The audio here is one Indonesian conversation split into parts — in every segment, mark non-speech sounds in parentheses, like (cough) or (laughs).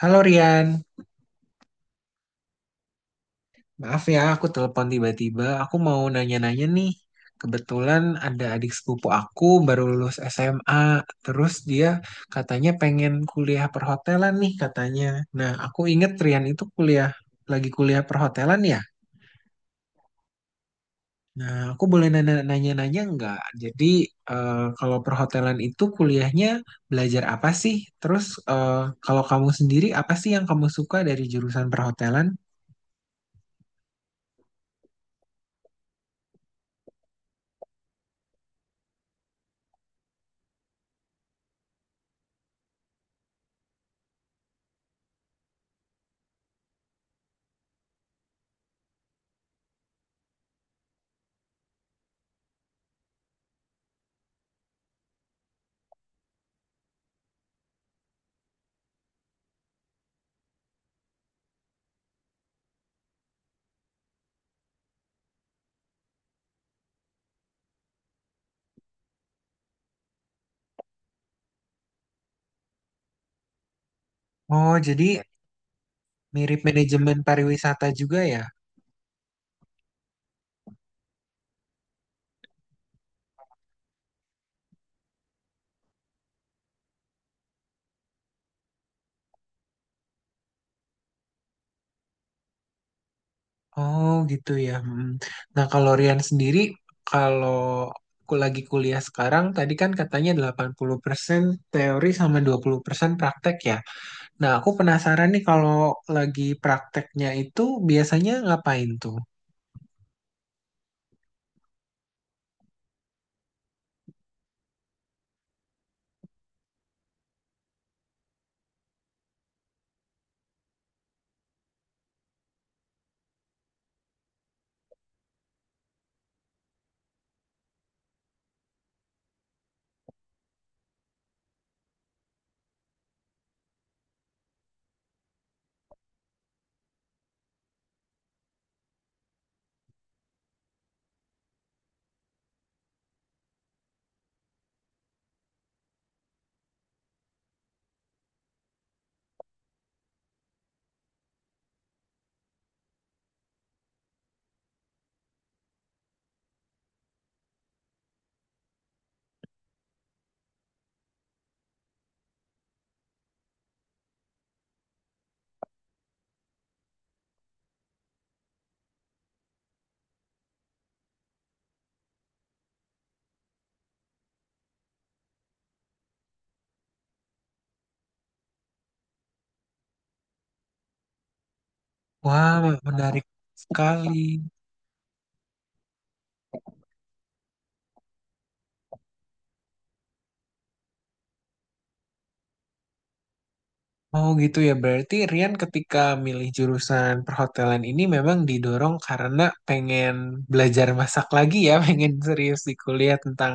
Halo Rian, maaf ya aku telepon tiba-tiba. Aku mau nanya-nanya nih. Kebetulan ada adik sepupu aku baru lulus SMA, terus dia katanya pengen kuliah perhotelan nih katanya. Nah, aku inget Rian itu lagi kuliah perhotelan ya. Nah, aku boleh nanya-nanya nggak? Jadi kalau perhotelan itu kuliahnya belajar apa sih? Terus eh, kalau kamu sendiri apa sih yang kamu suka dari jurusan perhotelan? Oh, jadi mirip manajemen pariwisata juga ya? Oh gitu ya. Hmm. Nah, kalau Rian sendiri, kalau aku lagi kuliah sekarang, tadi kan katanya 80% teori sama 20% praktek ya. Nah, aku penasaran nih kalau lagi prakteknya itu biasanya ngapain tuh? Wah, menarik sekali. Oh gitu ya, berarti Rian ketika milih jurusan perhotelan ini memang didorong karena pengen belajar masak lagi ya, (laughs) pengen serius di kuliah tentang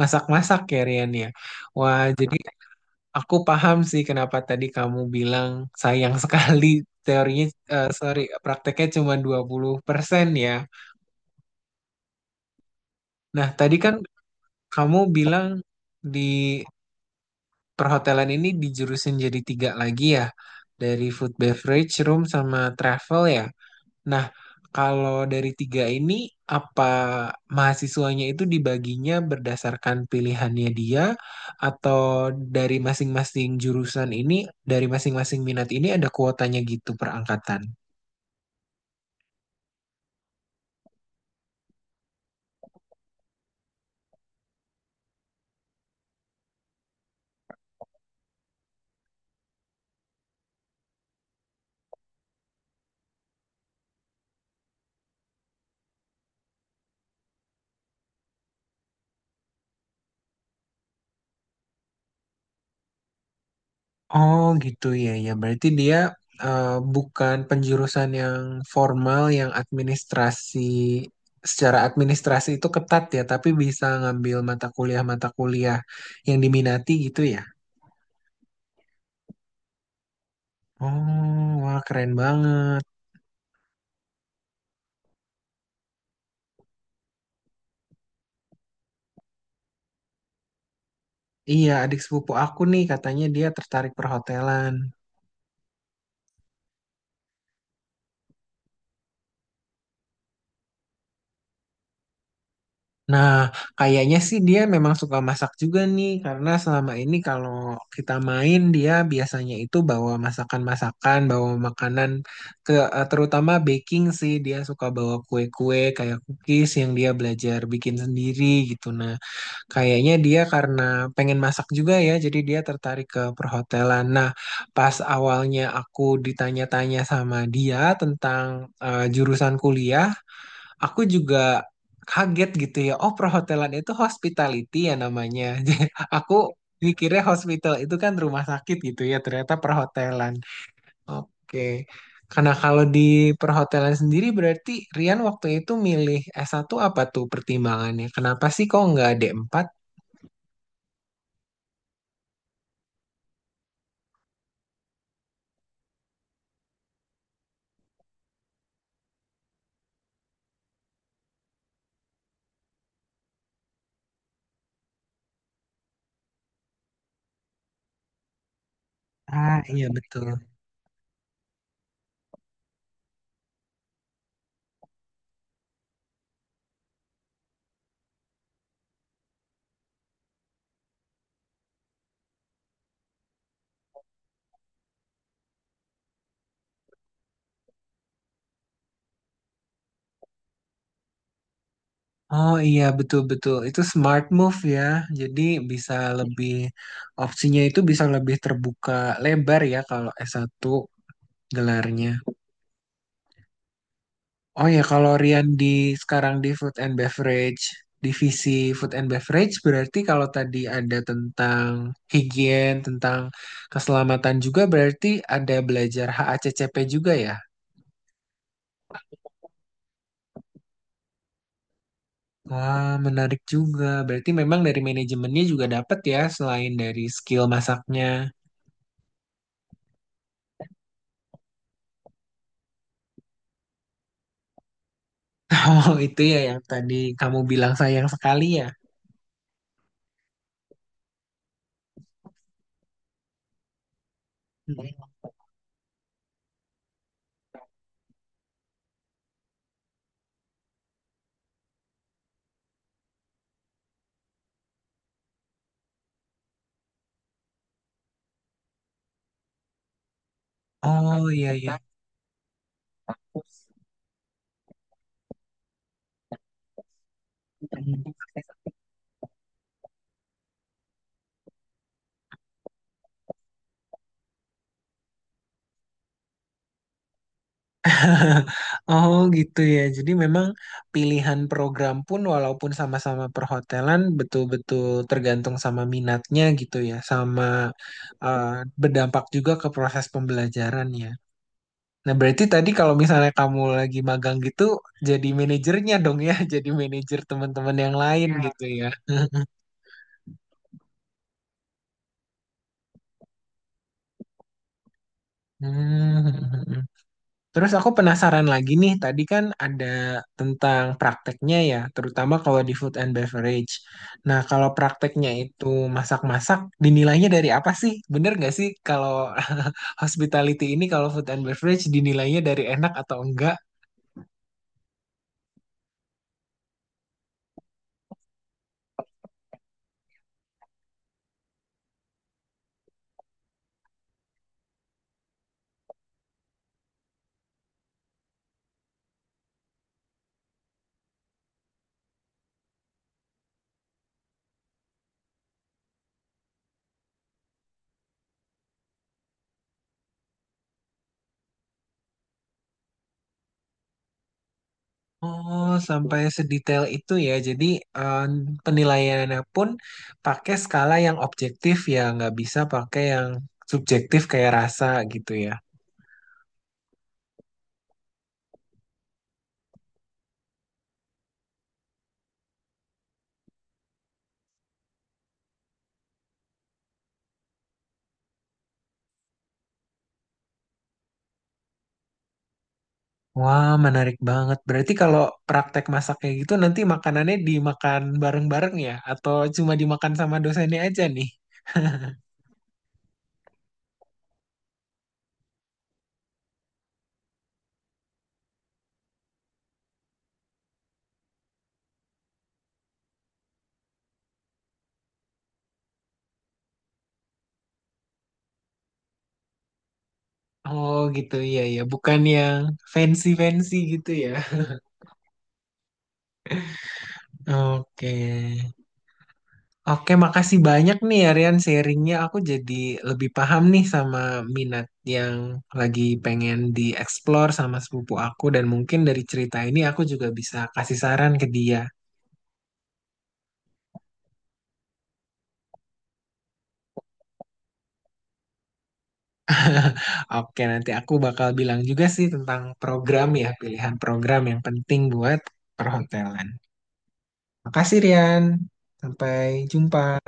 masak-masak ya Rian ya. Wah, jadi aku paham sih kenapa tadi kamu bilang sayang (laughs) sekali teorinya, sorry, prakteknya cuma 20% ya. Nah, tadi kan kamu bilang di perhotelan ini dijurusin jadi tiga lagi ya, dari food beverage, room, sama travel ya. Nah, kalau dari tiga ini, apa mahasiswanya itu dibaginya berdasarkan pilihannya dia, atau dari masing-masing jurusan ini, dari masing-masing minat ini ada kuotanya gitu per angkatan? Oh gitu ya, ya berarti dia eh, bukan penjurusan yang formal yang administrasi secara administrasi itu ketat ya tapi bisa ngambil mata kuliah-mata kuliah yang diminati gitu ya. Oh wah, keren banget. Iya, adik sepupu aku nih katanya dia tertarik perhotelan. Nah, kayaknya sih dia memang suka masak juga nih, karena selama ini kalau kita main dia biasanya itu bawa masakan-masakan, bawa makanan, ke, terutama baking sih dia suka bawa kue-kue kayak cookies yang dia belajar bikin sendiri gitu. Nah, kayaknya dia karena pengen masak juga ya, jadi dia tertarik ke perhotelan. Nah, pas awalnya aku ditanya-tanya sama dia tentang jurusan kuliah aku juga kaget gitu ya. Oh, perhotelan itu hospitality ya namanya. (laughs) Jadi, aku mikirnya hospital itu kan rumah sakit gitu ya, ternyata perhotelan. Oke. Karena kalau di perhotelan sendiri berarti Rian waktu itu milih satu apa tuh pertimbangannya? Kenapa sih kok nggak D4? Ah, iya betul. Oh iya, betul-betul itu smart move ya. Jadi bisa lebih opsinya itu bisa lebih terbuka lebar ya kalau S1 gelarnya. Oh ya, kalau Rian di sekarang di food and beverage, divisi food and beverage berarti kalau tadi ada tentang higien, tentang keselamatan juga berarti ada belajar HACCP juga ya. Wah, menarik juga. Berarti memang dari manajemennya juga dapat ya selain dari skill masaknya. (laughs) Oh, itu ya yang tadi kamu bilang sayang sekali ya. Oh iya iya. Oh gitu ya. Jadi memang pilihan program pun walaupun sama-sama perhotelan betul-betul tergantung sama minatnya gitu ya, sama eh, berdampak juga ke proses pembelajaran ya. Nah, berarti tadi kalau misalnya kamu lagi magang gitu, jadi manajernya dong ya, (laughs) jadi manajer teman-teman yang lain ya, gitu ya. (laughs) Hmm. Terus aku penasaran lagi nih, tadi kan ada tentang prakteknya ya, terutama kalau di food and beverage. Nah, kalau prakteknya itu masak-masak, dinilainya dari apa sih? Bener nggak sih kalau (laughs) hospitality ini, kalau food and beverage dinilainya dari enak atau enggak? Oh, sampai sedetail itu ya. Jadi eh, penilaiannya pun pakai skala yang objektif ya, nggak bisa pakai yang subjektif kayak rasa gitu ya. Wah, menarik banget. Berarti kalau praktek masak kayak gitu nanti makanannya dimakan bareng-bareng ya? Atau cuma dimakan sama dosennya aja nih? Oh gitu, iya ya, bukan yang fancy-fancy gitu ya. Oke. Oke, makasih banyak nih Aryan sharingnya. Aku jadi lebih paham nih sama minat yang lagi pengen dieksplor sama sepupu aku. Dan mungkin dari cerita ini aku juga bisa kasih saran ke dia. Oke, nanti aku bakal bilang juga sih tentang program ya, pilihan program yang penting buat perhotelan. Makasih Rian, sampai jumpa.